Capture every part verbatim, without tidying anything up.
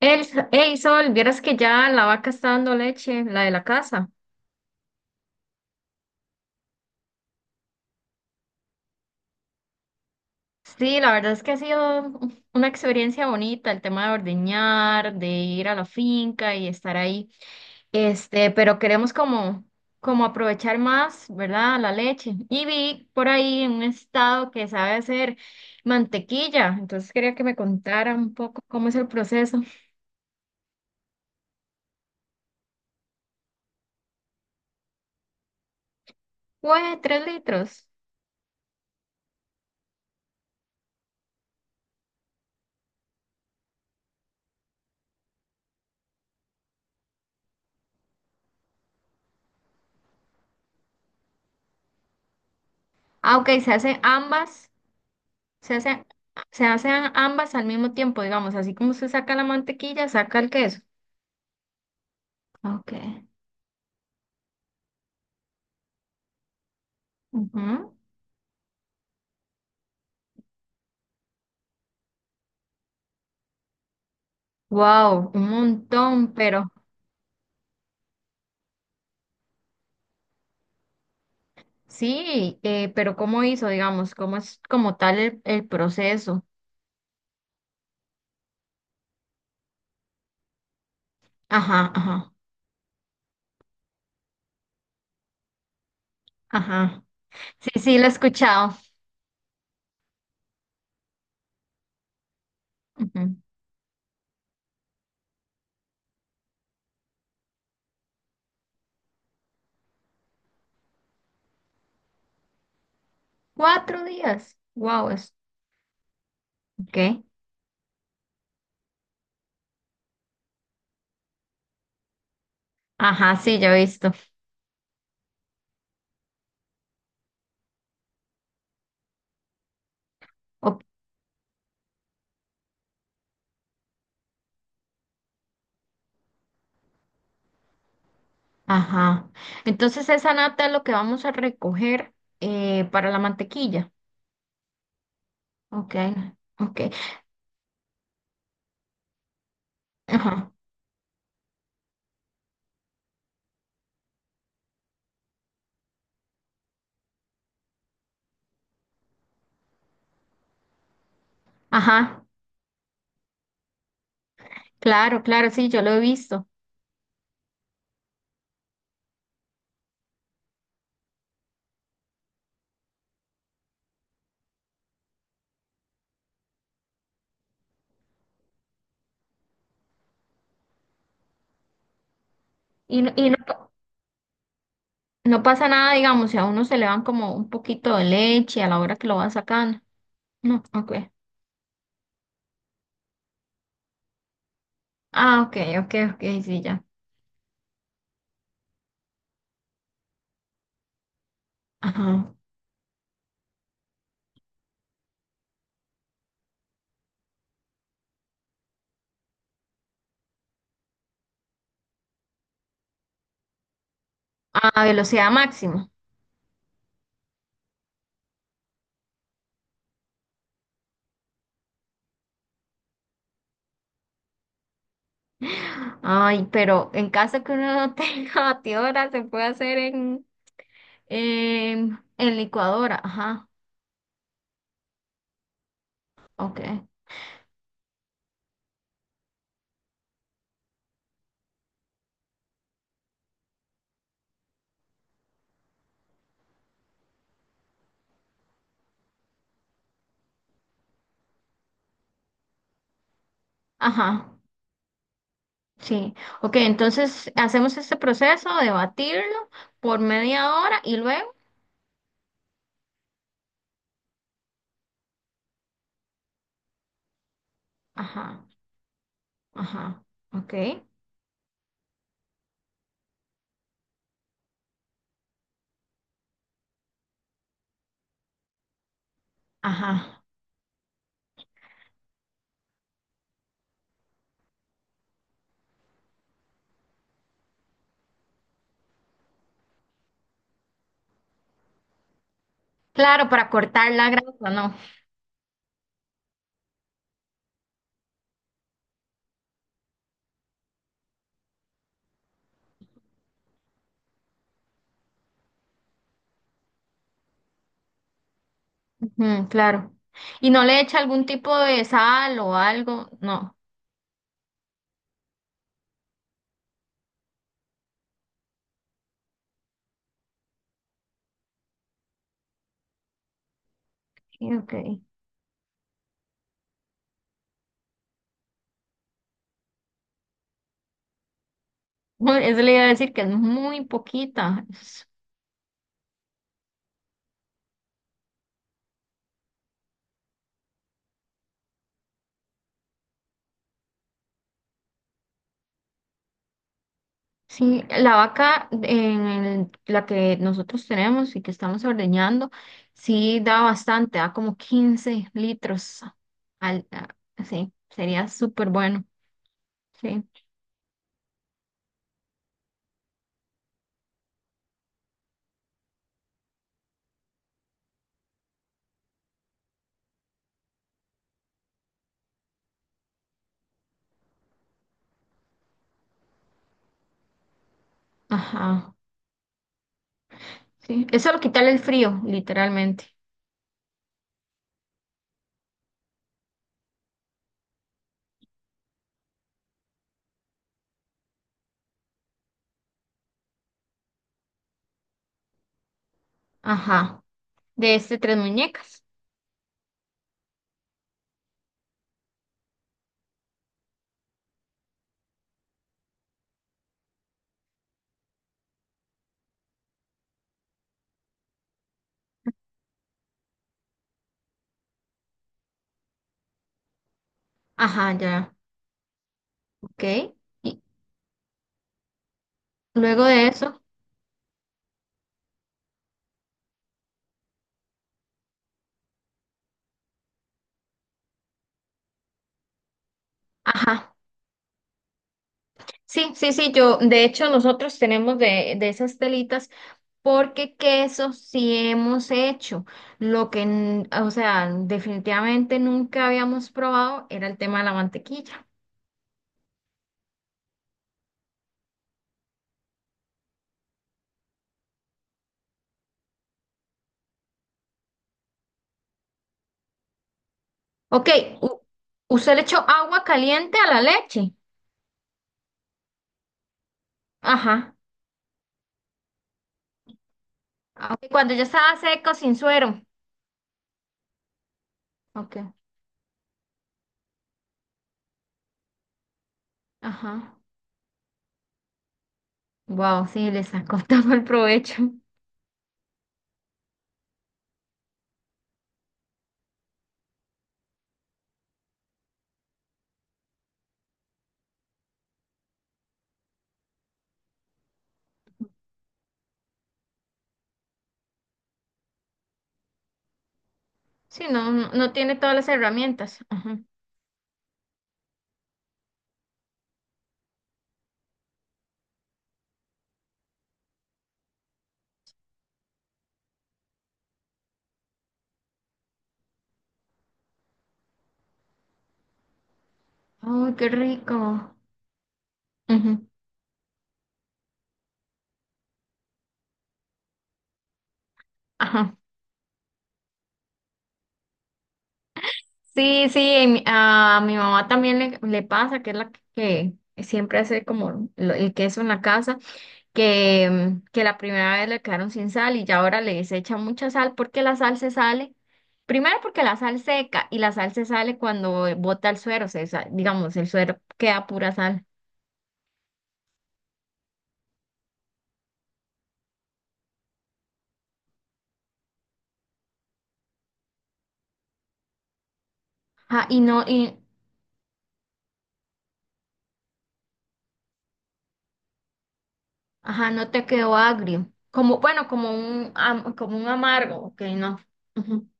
El, hey Sol, vieras que ya la vaca está dando leche, la de la casa. Sí, la verdad es que ha sido una experiencia bonita el tema de ordeñar, de ir a la finca y estar ahí. Este, pero queremos como, como aprovechar más, ¿verdad? La leche. Y vi por ahí en un estado que sabe hacer mantequilla, entonces quería que me contara un poco cómo es el proceso. Pues, tres litros. Ah, ok, se hace ambas. Se hacen, se hacen ambas al mismo tiempo, digamos, así como usted saca la mantequilla, saca el queso. Ok. Wow, un montón, pero sí, eh, pero ¿cómo hizo, digamos? ¿Cómo es como tal el, el proceso? Ajá, ajá, ajá. Sí, sí, lo he escuchado. Ujú. Cuatro días. Wow, es, ok. Ajá, sí, ya he visto. Ok, ajá. Entonces esa nata es lo que vamos a recoger eh, para la mantequilla. Ok, ok. Ajá, ajá, claro, claro, sí, yo lo he visto. Y, no- y no, pa- no pasa nada, digamos, si a uno se le van como un poquito de leche a la hora que lo va sacando. No, ok. Ah, ok, ok, ok, sí, ya. Ajá. A velocidad máxima. Ay, pero en caso que uno no tenga batidora, se puede hacer en, en, en licuadora. Ajá, ok. Ajá, sí. Ok, entonces hacemos este proceso de batirlo por media hora y luego. Ajá. Ajá, ok. Ajá. Claro, para cortar la grasa, no. Ujú, claro. Y no le echa algún tipo de sal o algo, no. Sí, ok. Bueno, eso le iba a decir que es muy poquita. Es- Sí, la vaca en el- la que nosotros tenemos y que estamos ordeñando, sí da bastante, da como quince litros. Al, a- sí, sería súper bueno. Sí, ajá. Sí. Eso lo quita el frío, literalmente. Ajá. De este tres muñecas. Ajá, ya, ok. Y luego de eso, ajá. Sí, sí, sí, yo, de hecho, nosotros tenemos de, de esas telitas porque queso sí hemos hecho. Lo que, n- o sea, Definitivamente nunca habíamos probado era el tema de la mantequilla. Ok, u- usted le echó agua caliente a la leche. Ajá. Ah, ok, cuando ya estaba seco, sin suero. Ok, ajá. Wow, sí, le sacó todo el provecho. Sí, no, no, no tiene todas las herramientas. Ajá. Ay, qué rico. Ujú. Ajá. Sí, sí, y mi- a mi mamá también le, le pasa, que es la que, siempre hace como lo- el queso en la casa, que, mm, que la primera vez le quedaron sin sal y ya ahora les echa mucha sal porque la sal se sale. Primero porque la sal seca y la sal se sale cuando bota el suero, se sa- digamos, el suero queda pura sal. Ajá, y no, y ajá, no te quedó agrio. Como, bueno, como un, am- como un amargo, ok, no. Ujú.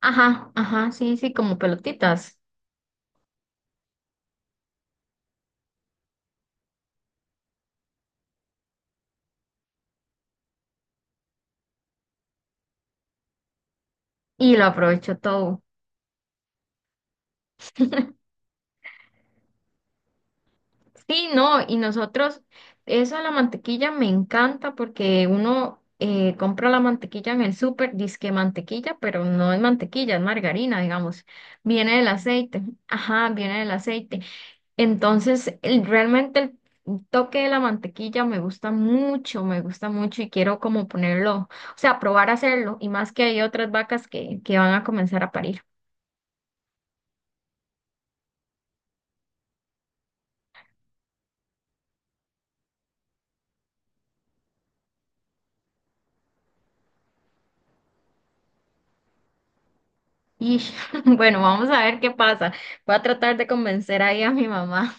Ajá, ajá, sí, sí, como pelotitas. Y lo aprovecho todo. Sí, no, y nosotros, eso de la mantequilla me encanta porque uno eh, compra la mantequilla en el súper, disque mantequilla, pero no es mantequilla, es margarina, digamos. Viene del aceite, ajá, viene del aceite. Entonces, el- realmente el toque de la mantequilla me gusta mucho, me gusta mucho y quiero como ponerlo, o sea, probar a hacerlo y más que hay otras vacas que, que van a comenzar a parir. Y bueno, vamos a ver qué pasa. Voy a tratar de convencer ahí a mi mamá.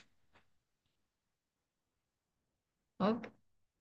Ok.